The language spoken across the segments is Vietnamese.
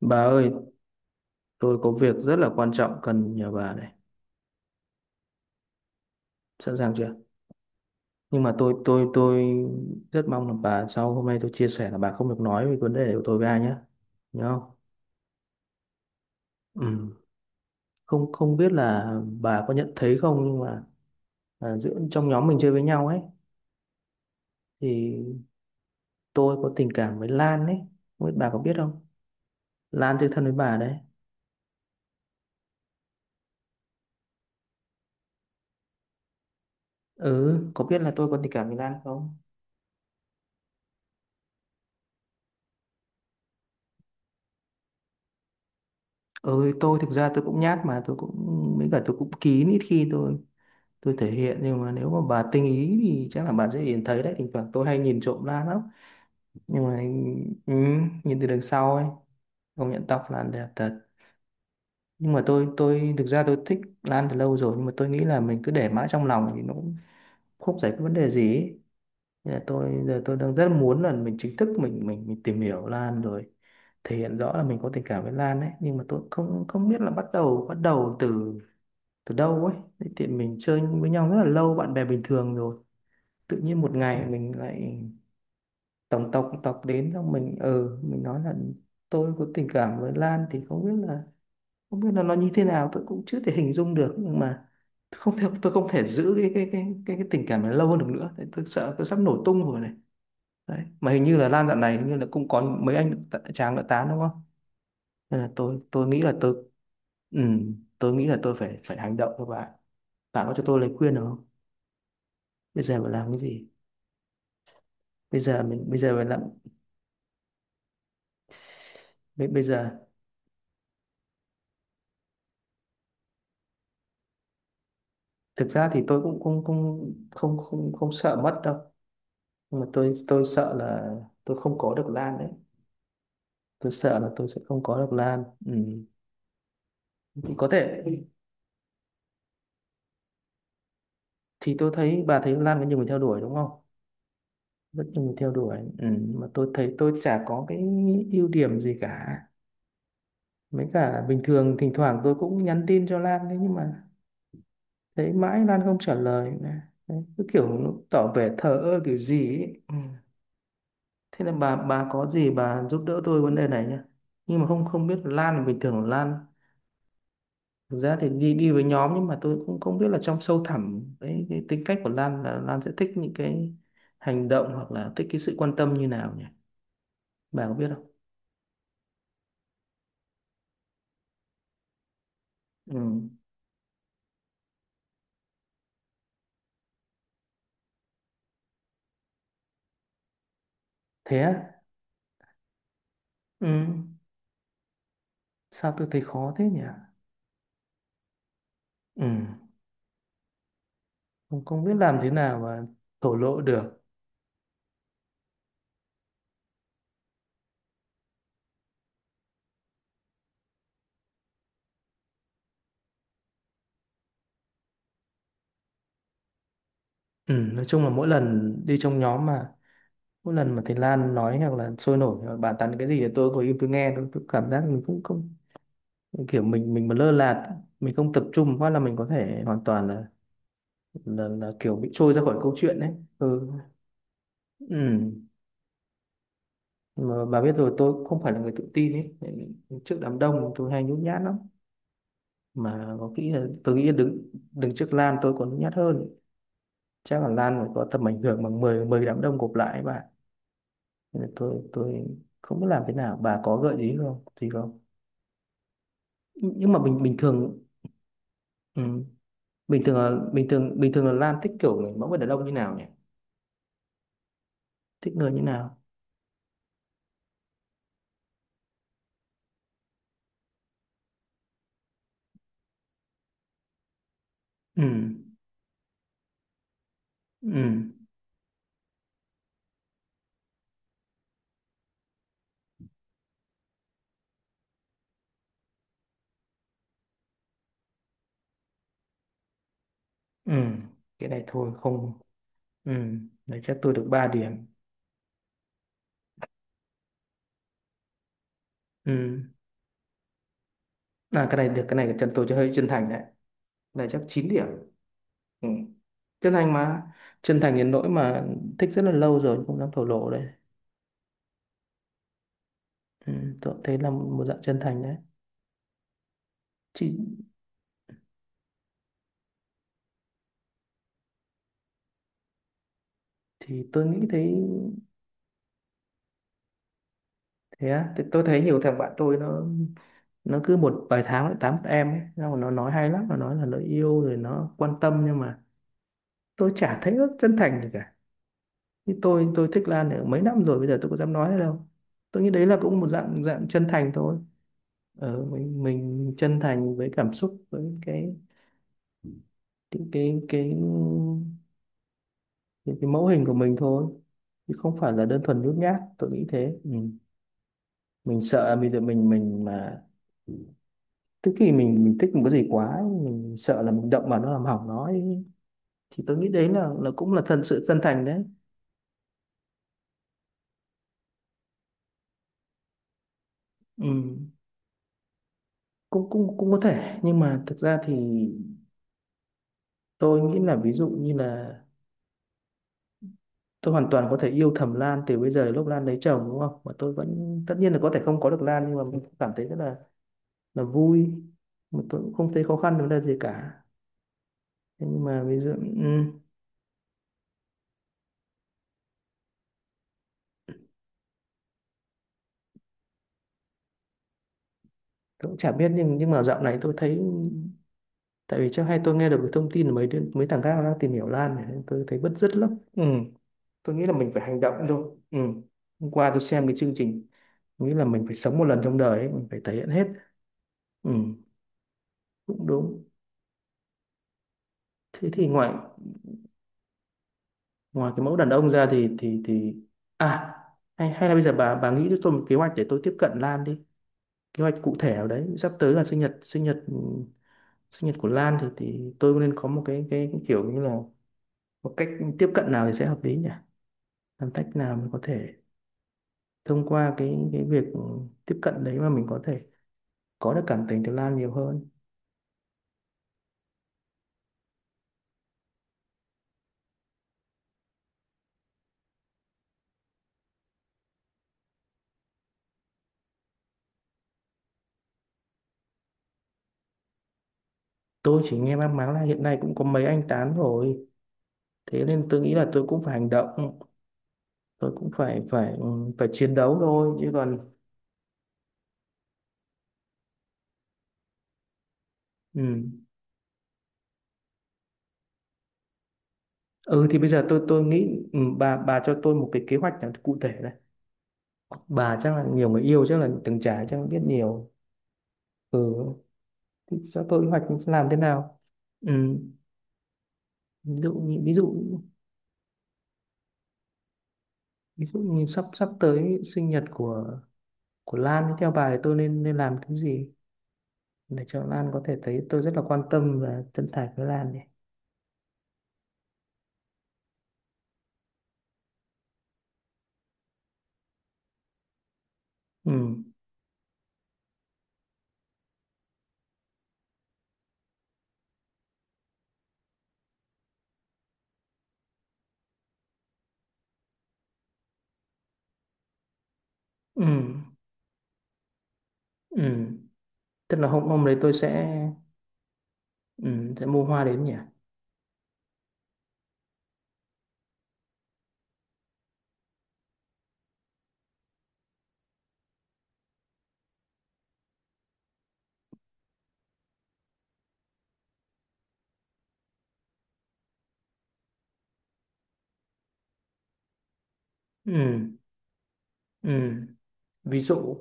Bà ơi, tôi có việc rất là quan trọng cần nhờ bà này. Sẵn sàng chưa? Nhưng mà tôi rất mong là bà, sau hôm nay tôi chia sẻ, là bà không được nói về vấn đề của tôi với ai nhé. Nhớ không? Ừ. Không không biết là bà có nhận thấy không, nhưng mà giữa trong nhóm mình chơi với nhau ấy thì tôi có tình cảm với Lan ấy. Không biết bà có biết không? Lan chơi thân với bà đấy. Ừ, có biết là tôi có tình cảm với Lan không? Ừ, tôi thực ra tôi cũng nhát, mà tôi cũng với cả tôi cũng kín, ít khi tôi thể hiện, nhưng mà nếu mà bà tinh ý thì chắc là bà sẽ nhìn thấy đấy, thỉnh thoảng tôi hay nhìn trộm Lan lắm. Nhưng mà ừ, nhìn từ đằng sau ấy, công nhận tóc Lan đẹp thật. Nhưng mà tôi thực ra tôi thích Lan từ lâu rồi, nhưng mà tôi nghĩ là mình cứ để mãi trong lòng thì nó cũng không giải quyết vấn đề gì ấy. Nên là tôi giờ tôi đang rất muốn là mình chính thức mình tìm hiểu Lan rồi thể hiện rõ là mình có tình cảm với Lan ấy, nhưng mà tôi không không biết là bắt đầu từ từ đâu ấy. Thế thì mình chơi với nhau rất là lâu, bạn bè bình thường rồi tự nhiên một ngày mình lại tổng tộc tộc đến, xong mình ừ mình nói là tôi có tình cảm với Lan thì không biết là, không biết là nó như thế nào tôi cũng chưa thể hình dung được. Nhưng mà không thể, tôi không thể giữ cái tình cảm này lâu hơn được nữa. Đấy, tôi sợ tôi sắp nổ tung rồi này. Đấy, mà hình như là Lan dạo này hình như là cũng có mấy anh chàng đã tán đúng không, nên là tôi nghĩ là tôi ừ, tôi nghĩ là tôi phải phải hành động. Các bạn, bạn có cho tôi lời khuyên được không, bây giờ phải làm cái gì, bây giờ mình bây giờ phải làm. Bây giờ thực ra thì tôi cũng cũng cũng không không không sợ mất đâu, nhưng mà tôi sợ là tôi không có được Lan đấy, tôi sợ là tôi sẽ không có được Lan. Ừ. Thì có thể, thì tôi thấy bà thấy Lan có nhiều người theo đuổi đúng không, rất nhiều người theo đuổi. Ừ. Mà tôi thấy tôi chả có cái ưu điểm gì cả, mấy cả bình thường thỉnh thoảng tôi cũng nhắn tin cho Lan đấy, nhưng mà thấy mãi Lan không trả lời đấy. Cứ kiểu nó tỏ vẻ thờ ơ kiểu gì ấy. Ừ. Thế là bà có gì bà giúp đỡ tôi vấn đề này nhá. Nhưng mà không không biết Lan là bình thường Lan, thực ra thì đi đi với nhóm, nhưng mà tôi cũng không biết là trong sâu thẳm cái tính cách của Lan là Lan sẽ thích những cái hành động hoặc là thích cái sự quan tâm như nào nhỉ? Bà có biết không? Ừ. Thế á? Ừ. Sao tôi thấy khó thế nhỉ? Ừ. Không, không biết làm thế nào mà thổ lộ được. Ừ. Nói chung là mỗi lần đi trong nhóm mà mỗi lần mà thầy Lan nói hoặc là sôi nổi hoặc bàn tán cái gì thì tôi ngồi im tôi nghe, tôi cảm giác mình cũng không, kiểu mình mà lơ là mình không tập trung quá là mình có thể hoàn toàn là là kiểu bị trôi ra khỏi câu chuyện đấy. Ừ. Ừ, mà bà biết rồi, tôi không phải là người tự tin ấy, trước đám đông tôi hay nhút nhát lắm. Mà có khi là tôi nghĩ là đứng đứng trước Lan tôi còn nhút nhát hơn, chắc là Lan phải có tầm ảnh hưởng bằng 10 10 đám đông gộp lại ấy bà. Nên là tôi không biết làm thế nào, bà có gợi ý không gì không. Nhưng mà bình bình thường. Ừ. Bình thường là bình thường là Lan thích kiểu người mẫu người đàn ông như nào nhỉ, thích người như nào. Ừ ừ ừ, cái này thôi không. Ừ, đấy chắc tôi được 3 điểm. Ừ à, cái này được, cái này chân, tôi cho hơi chân thành đấy, cái này chắc 9 điểm. Ừ. Chân thành mà, chân thành đến nỗi mà thích rất là lâu rồi không dám thổ lộ đấy. Ừ. Tôi cũng thấy là một dạng chân thành đấy. Chị, thì tôi nghĩ thấy. Thế á, thì tôi thấy nhiều thằng bạn tôi nó cứ một vài tháng lại tám em ấy xong rồi nó nói hay lắm, nó nói là nó yêu rồi nó quan tâm, nhưng mà tôi chả thấy nó chân thành gì cả. Thì tôi thích Lan được mấy năm rồi bây giờ tôi có dám nói thế đâu. Tôi nghĩ đấy là cũng một dạng dạng chân thành thôi. Ờ, mình chân thành với cảm xúc với cái cái cái, cái mẫu hình của mình thôi, chứ không phải là đơn thuần nhút nhát, tôi nghĩ thế. Ừ. mình sợ mình mà, tức khi mình thích một cái gì quá ấy, mình sợ là mình động vào nó làm hỏng nó ấy. Thì tôi nghĩ đấy là cũng là thật sự chân thành đấy. Ừ, cũng cũng cũng có thể, nhưng mà thực ra thì tôi nghĩ là ví dụ như là tôi hoàn toàn có thể yêu thầm Lan từ bây giờ đến lúc Lan lấy chồng đúng không, mà tôi vẫn tất nhiên là có thể không có được Lan, nhưng mà mình cũng cảm thấy rất là vui, mà tôi cũng không thấy khó khăn vấn đề gì cả. Thế nhưng mà ví dụ tôi cũng chả biết, nhưng mà dạo này tôi thấy tại vì trước hay tôi nghe được cái thông tin là mấy đứa, mấy thằng khác nó đang tìm hiểu Lan này nên tôi thấy bứt rứt lắm. Ừ. Tôi nghĩ là mình phải hành động thôi. Ừ. Hôm qua tôi xem cái chương trình, nghĩ là mình phải sống một lần trong đời ấy, mình phải thể hiện hết. Ừ, cũng đúng. Thế thì ngoại, ngoài cái mẫu đàn ông ra thì thì à, hay hay là bây giờ bà nghĩ cho tôi một kế hoạch để tôi tiếp cận Lan đi, kế hoạch cụ thể nào đấy, sắp tới là sinh nhật của Lan thì tôi nên có một cái kiểu như là một cách tiếp cận nào thì sẽ hợp lý nhỉ. Làm cách nào mình có thể thông qua cái việc tiếp cận đấy mà mình có thể có được cảm tình từ Lan nhiều hơn. Tôi chỉ nghe mang máng là hiện nay cũng có mấy anh tán rồi, thế nên tôi nghĩ là tôi cũng phải hành động, tôi cũng phải phải ừ, phải chiến đấu thôi chứ còn. Ừ. Ừ thì bây giờ tôi nghĩ ừ, bà cho tôi một cái kế hoạch nào cụ thể này. Bà chắc là nhiều người yêu, chắc là từng trải, chắc là biết nhiều. Ừ, thì cho tôi kế hoạch làm thế nào? Ừ. Ví dụ như, ví dụ, ví dụ như sắp sắp tới sinh nhật của Lan thì theo bà thì tôi nên nên làm cái gì để cho Lan có thể thấy tôi rất là quan tâm và chân thành với Lan này. Ừ. Ừ. Ừ. Tức là hôm hôm đấy tôi sẽ ừ, sẽ mua hoa đến nhỉ? Ừ. Ừ. Ví dụ.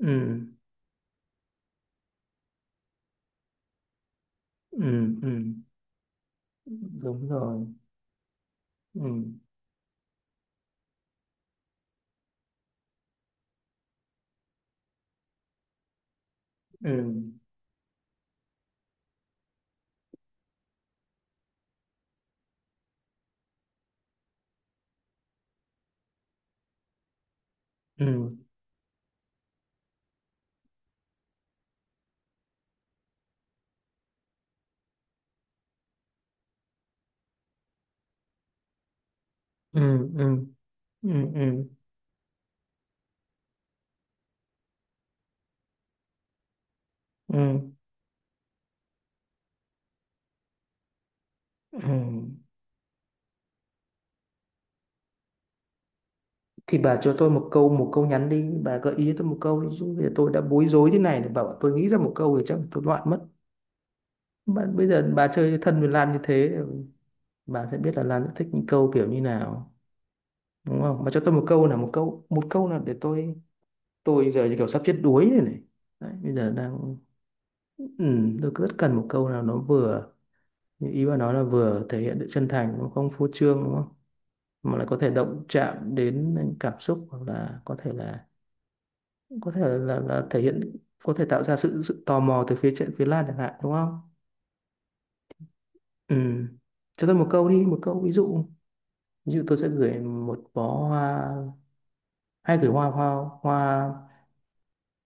Ừ. Ừ ừ đúng rồi. Ừ ừ ừ ừ ừ ừ ừ ừ ừ. Thì bà cho tôi một câu, một câu nhắn đi, bà gợi ý cho tôi một câu đi chứ bây giờ tôi đã bối rối thế này, bảo bảo tôi nghĩ ra một câu thì chắc tôi loạn mất. Bà, bây giờ bà chơi thân với Lan như thế, bà sẽ biết là Lan sẽ thích những câu kiểu như nào đúng không, bà cho tôi một câu, là một câu, một câu là để tôi giờ như kiểu sắp chết đuối rồi này. Đấy, bây giờ đang ừ, tôi rất cần một câu nào nó vừa. Nhưng ý bà nói là vừa thể hiện sự chân thành, nó không phô trương đúng không, mà lại có thể động chạm đến cảm xúc hoặc là có thể là, có thể là, thể hiện, có thể tạo ra sự sự tò mò từ phía Lan chẳng hạn đúng không. Ừ, cho tôi một câu đi, một câu ví dụ. Ví dụ tôi sẽ gửi một bó hoa, hay gửi hoa, hoa hoa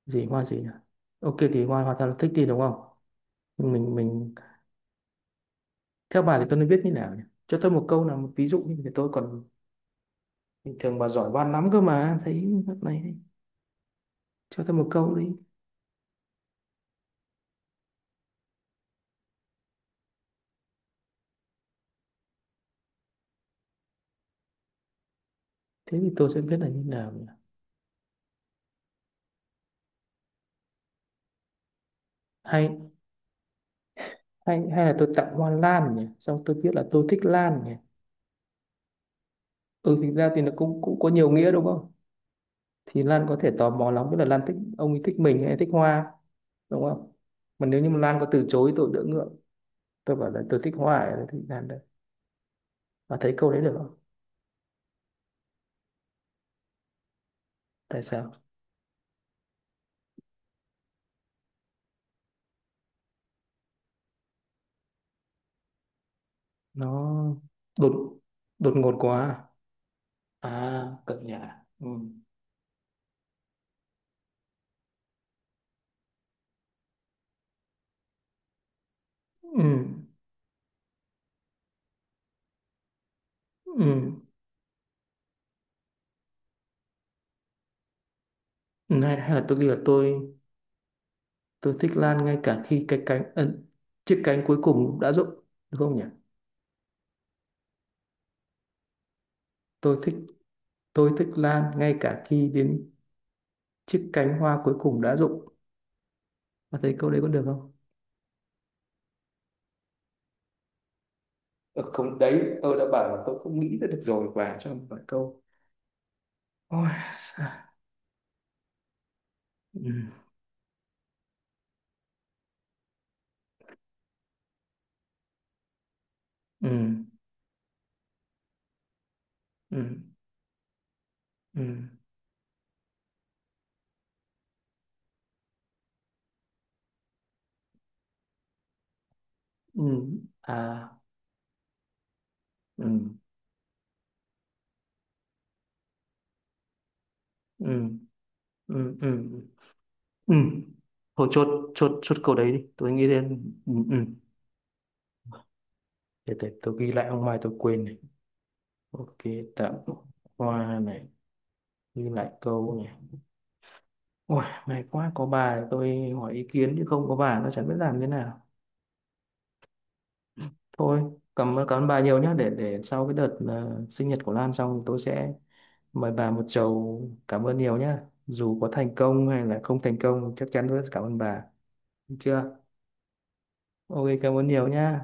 gì, hoa gì nhỉ? Ok, thì hoa hoa ta thích đi đúng không, mình mình theo bà thì tôi nên viết như nào nhỉ, cho tôi một câu, là một ví dụ như thế tôi còn. Bình thường bà giỏi văn lắm cơ mà, thấy này, cho tôi một câu đi, thế thì tôi sẽ biết là như nào nhỉ. Hay hay hay là tôi tặng hoa lan nhỉ, xong tôi biết là tôi thích lan nhỉ. Ừ, thực ra thì nó cũng cũng có nhiều nghĩa đúng không, thì Lan có thể tò mò lắm, biết là Lan thích ông ấy, thích mình hay thích hoa, đúng không. Mà nếu như mà Lan có từ chối tôi đỡ ngượng, tôi bảo là tôi thích hoa ấy, thì Lan đấy. Và thấy câu đấy được không? Tại sao? Nó đột đột ngột quá. À à, cập nhà. Ừ. Ừ. Ừ. Hay, hay là tôi ghi là tôi thích Lan ngay cả khi cái cánh ấn chiếc cánh cuối cùng đã rụng, đúng không nhỉ? Tôi thích tôi thích Lan ngay cả khi đến chiếc cánh hoa cuối cùng đã rụng. Bạn thấy câu đấy có được không? Ờ, không, đấy tôi đã bảo là tôi không nghĩ ra được rồi, bà cho một vài câu. Ôi, xa. Ừ, ừ, ừ, ừ, ừ, à, ừ, ừ, ừ, ừ, ừ. Thôi chốt, chốt câu đấy đi. Tôi nghĩ đến, ừ, ừ. Để tôi ghi lại ông mai tôi quên này. Ok, tặng hoa này, ghi lại câu này. Ôi, may quá có bà tôi hỏi ý kiến chứ không có bà nó chẳng biết làm thế nào. Thôi, cảm ơn bà nhiều nhé, để sau cái đợt sinh nhật của Lan xong tôi sẽ mời bà một chầu, cảm ơn nhiều nhé. Dù có thành công hay là không thành công chắc chắn tôi sẽ cảm ơn bà. Được chưa? Ok, cảm ơn nhiều nhé.